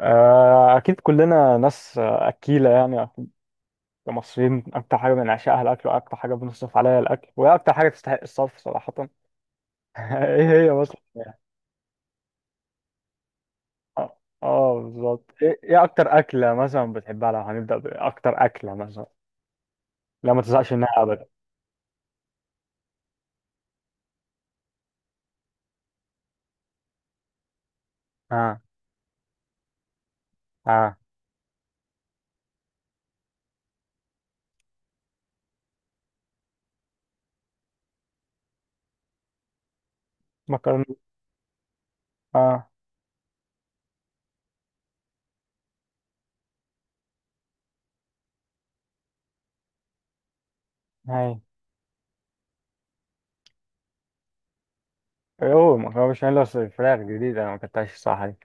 أكيد كلنا ناس أكيلة يعني كمصريين أكتر حاجة بنعشقها الأكل، وأكتر حاجة بنصرف عليها الأكل، وهي أكتر حاجة تستحق الصرف صراحة. إيه هي مثلا يعني؟ آه، بالظبط. إيه إيه أكتر أكلة مثلا بتحبها؟ لو هنبدأ بأكتر أكلة مثلا. لا، ما تزهقش منها أبدا. آه. آه. مكرونة. آه. هاي. أيوه، مكرونة بشاميل بس فراخ جديدة، أنا ما أكلتهاش الصراحة دي.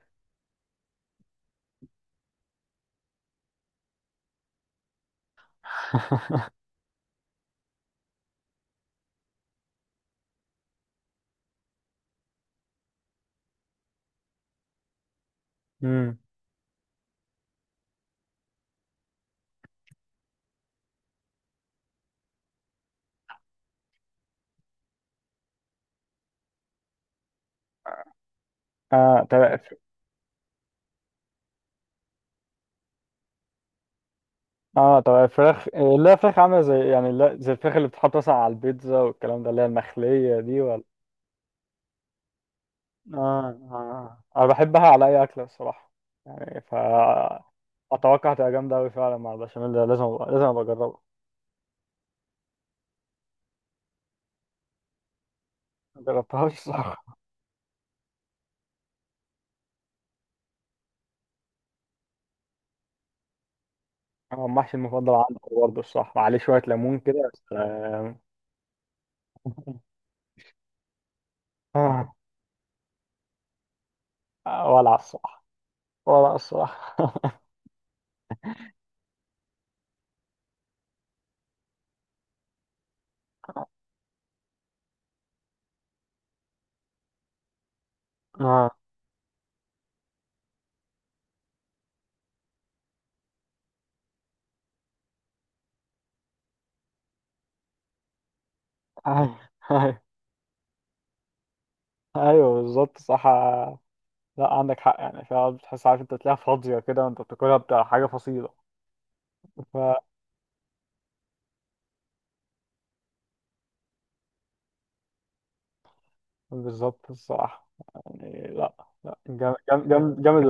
مم. آه، طب. اه طب الفراخ لا فراخ عامله زي يعني لا زي الفراخ اللي بتتحط مثلا على البيتزا والكلام ده، اللي هي المخليه دي، ولا؟ آه. اه انا بحبها على اي اكله الصراحه، يعني ف اتوقع هتبقى جامده قوي فعلا مع البشاميل ده، لازم أبقى لازم ابقى اجربها، ما جربتهاش الصراحه. هو المحشي المفضل عندي برضه الصراحه، عليه شويه ليمون كده، بس. ولع الصراحه. ولع الصراحه. آه، ايوه، ايوه. أيوة بالظبط، صح. لا عندك حق، يعني فعلا بتحس، عارف انت تلاقيها فاضية كده وانت بتاكلها، بتاع حاجة فصيلة. ف بالظبط الصراحة، يعني لا، لا جامد، جامد جامد.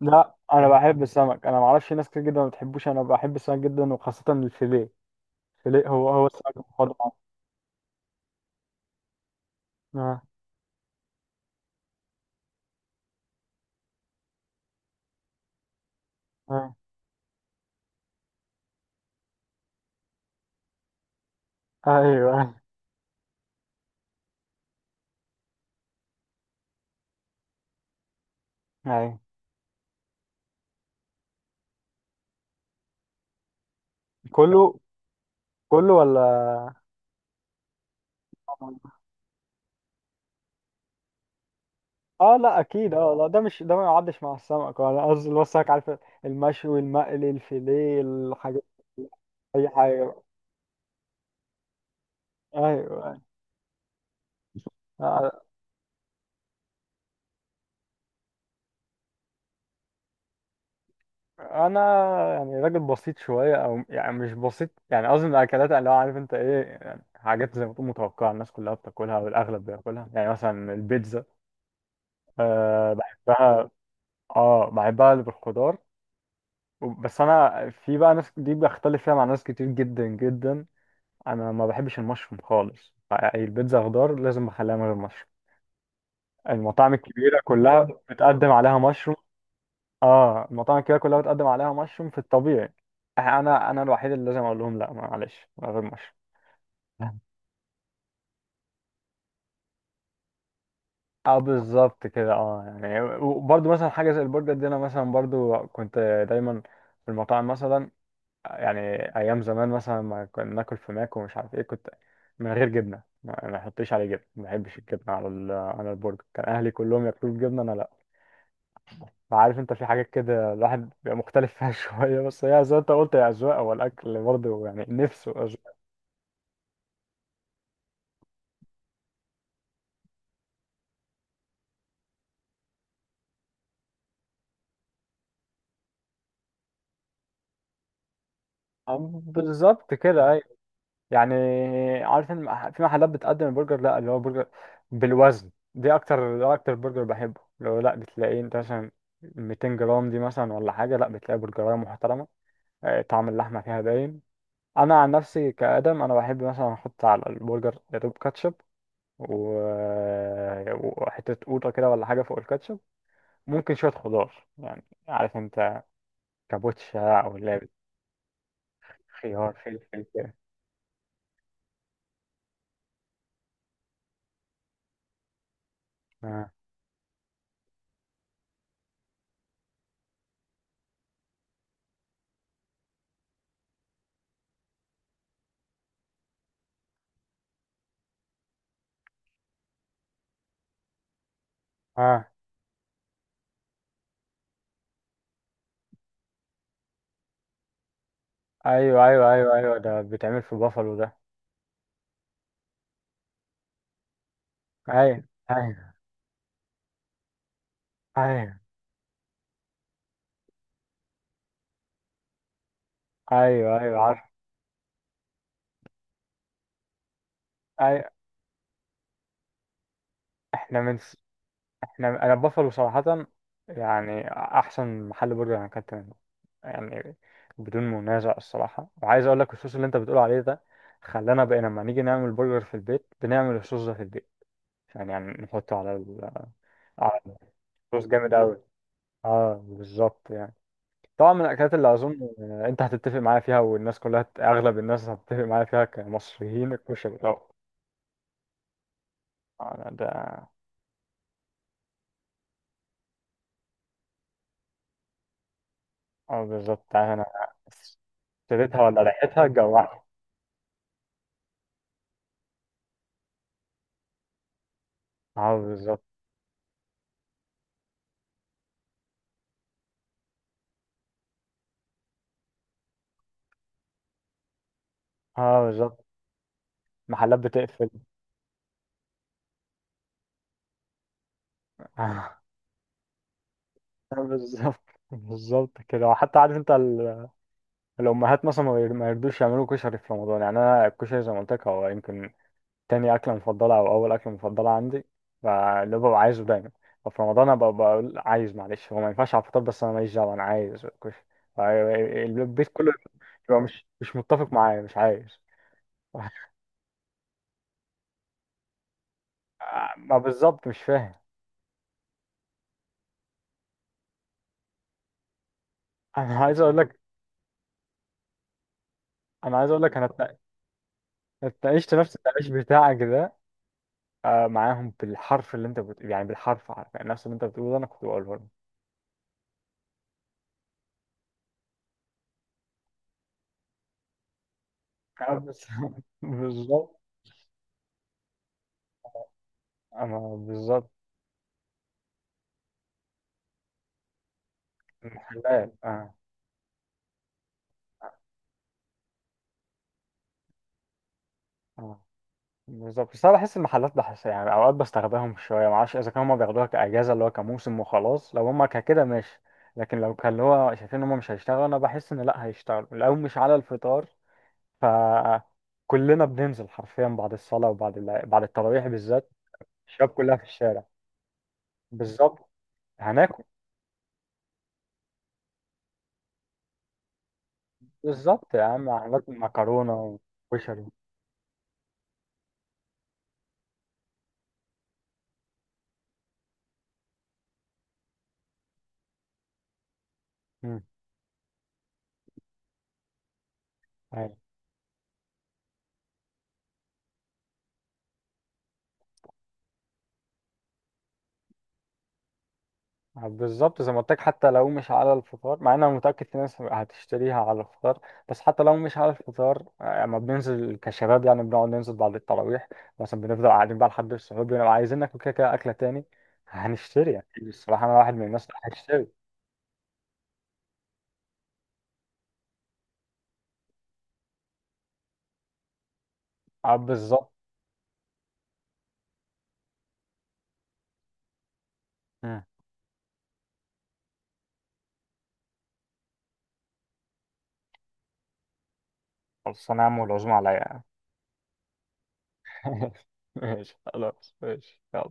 لا انا بحب السمك، انا معرفش ناس كتير جدا ما بتحبوش، انا بحب السمك جدا وخاصة الفيليه. الفيليه هو هو السمك المفضل عندي. اه. اه. ايوه، ايوه. كله؟ كله؟ ولا اه، لا اكيد، اه لا ده مش ده ما يعدش مع السمك، ولا قصدي اللي هو السمك، عارف، المشوي المقلي الفيليه، الحاجات، اي حاجة بقى. ايوه. آه، انا يعني راجل بسيط شويه، او يعني مش بسيط، يعني قصدي من الاكلات اللي هو عارف انت ايه، يعني حاجات زي ما تكون متوقعه الناس كلها بتاكلها والاغلب بياكلها، يعني مثلا البيتزا. أه بحبها. اه بحبها اللي بالخضار، بس انا في بقى ناس دي بختلف فيها مع ناس كتير جدا جدا، انا ما بحبش المشروم خالص يعني، البيتزا خضار لازم بخليها من غير مشروم، المطاعم الكبيره كلها بتقدم عليها مشروم. اه المطاعم الكبيره كلها بتقدم عليها مشروم في الطبيعي، انا الوحيد اللي لازم اقول لهم لا معلش من غير مشروم. اه بالظبط كده، اه يعني، وبرضه مثلا حاجه زي البرجر دي، انا مثلا برضه كنت دايما في المطاعم مثلا، يعني ايام زمان مثلا ما كنا ناكل في ماك ومش عارف ايه، كنت من غير جبنه، ما يحطليش عليه جبنه، ما بحبش الجبنه على البرجر، كان اهلي كلهم ياكلوا الجبنه انا لا. فعارف انت في حاجات كده الواحد بيبقى مختلف فيها شويه، بس هي زي ما انت قلت يا اذواق، هو الاكل برضه يعني نفسه. بالظبط كده، ايوه. يعني عارف ان في محلات بتقدم البرجر لا اللي هو برجر بالوزن، دي اكتر، ده اكتر برجر بحبه، لو لا بتلاقيه انت مثلا 200 جرام دي مثلا ولا حاجه، لا بتلاقي برجرايه محترمه، طعم اللحمه فيها باين. انا عن نفسي كادم انا بحب مثلا احط على البرجر دوب كاتشب و... وحته قوطه كده ولا حاجه فوق الكاتشب، ممكن شويه خضار يعني، عارف انت، كابوتشا او اللي خيار فلفل كده. اه. اه. ايوه ايوه ايوه ايوه، ده بيتعمل في بافالو ده. ايوه. ايوه. ايوه. ايوه. ايوه، عارف. ايوه. احنا من س... احنا انا بافالو صراحة يعني احسن محل برجر انا اكلت منه يعني، بدون منازع الصراحة، وعايز اقول لك الصوص اللي انت بتقول عليه ده خلانا بقينا لما نيجي نعمل برجر في البيت بنعمل الصوص ده في البيت، يعني يعني نحطه على ال... على الصوص، جامد قوي. اه بالظبط يعني، طبعا من الاكلات اللي اظن انت هتتفق معايا فيها، والناس كلها هت- اغلب الناس هتتفق معايا فيها كمصريين، الكشري طبعا. انا ده. اه بالظبط، عارف انا اشتريتها ولا ريحتها جوعت. اه بالظبط. اه بالظبط. محلات بتقفل. اه بالظبط. بالظبط كده، وحتى عارف انت ال- الامهات مثلا ما ير- ما يرضوش يعملوا كشري في رمضان، يعني انا الكشري زي ما قلت لك هو يمكن تاني أكلة مفضلة أو أول أكلة مفضلة عندي، فاللي ببقى عايزه دايما، ففي رمضان أنا ببقى بقول عايز، معلش هو ما ينفعش على الفطار بس أنا ماليش دعوة أنا عايز كشري. البيت كله بيبقى مش متفق معايا، مش عايز. ما بالظبط، مش فاهم. أنا عايز أقول لك أنا عايز أقول لك أنا اتنا- اتناقشت نفس التناقش بتاعك ده معاهم بالحرف، اللي أنت بت... يعني بالحرف، عارف يعني نفس اللي أنت بتقوله ده أنا كنت بقوله لهم. آه، بس- بالظبط. أنا بالظبط. محلات آه. آه. بالظبط، بس انا بحس المحلات بحس يعني اوقات بستخدمهم شويه، معرفش اذا كانوا هما بياخدوها كاجازه اللي هو كموسم وخلاص، لو هما كده ماشي، لكن لو كان اللي هو شايفين ان هما مش هيشتغلوا، انا بحس ان لا هيشتغلوا لو مش على الفطار، ف كلنا بننزل حرفيا بعد الصلاه وبعد ال... بعد التراويح بالذات، الشباب كلها في الشارع. بالظبط. هناكل. بالظبط يا عم، هناكل مكرونه وكشري. مم. أيوه. بالظبط زي ما قلت لك، حتى لو مش على الفطار، مع ان انا متاكد في ناس هتشتريها على الفطار، بس حتى لو مش على الفطار اما بننزل كشباب يعني، بنقعد ننزل بعد التراويح مثلا، بنفضل قاعدين بقى لحد السحور، بنبقى عايزين ناكل كده كده اكله تاني، هنشتري يعني، الصراحه انا واحد من الناس اللي هتشتري. اه بالظبط. مم. خلاص انا يا عم، والعزومه عليا. ماشي خلاص، ماشي، يلا.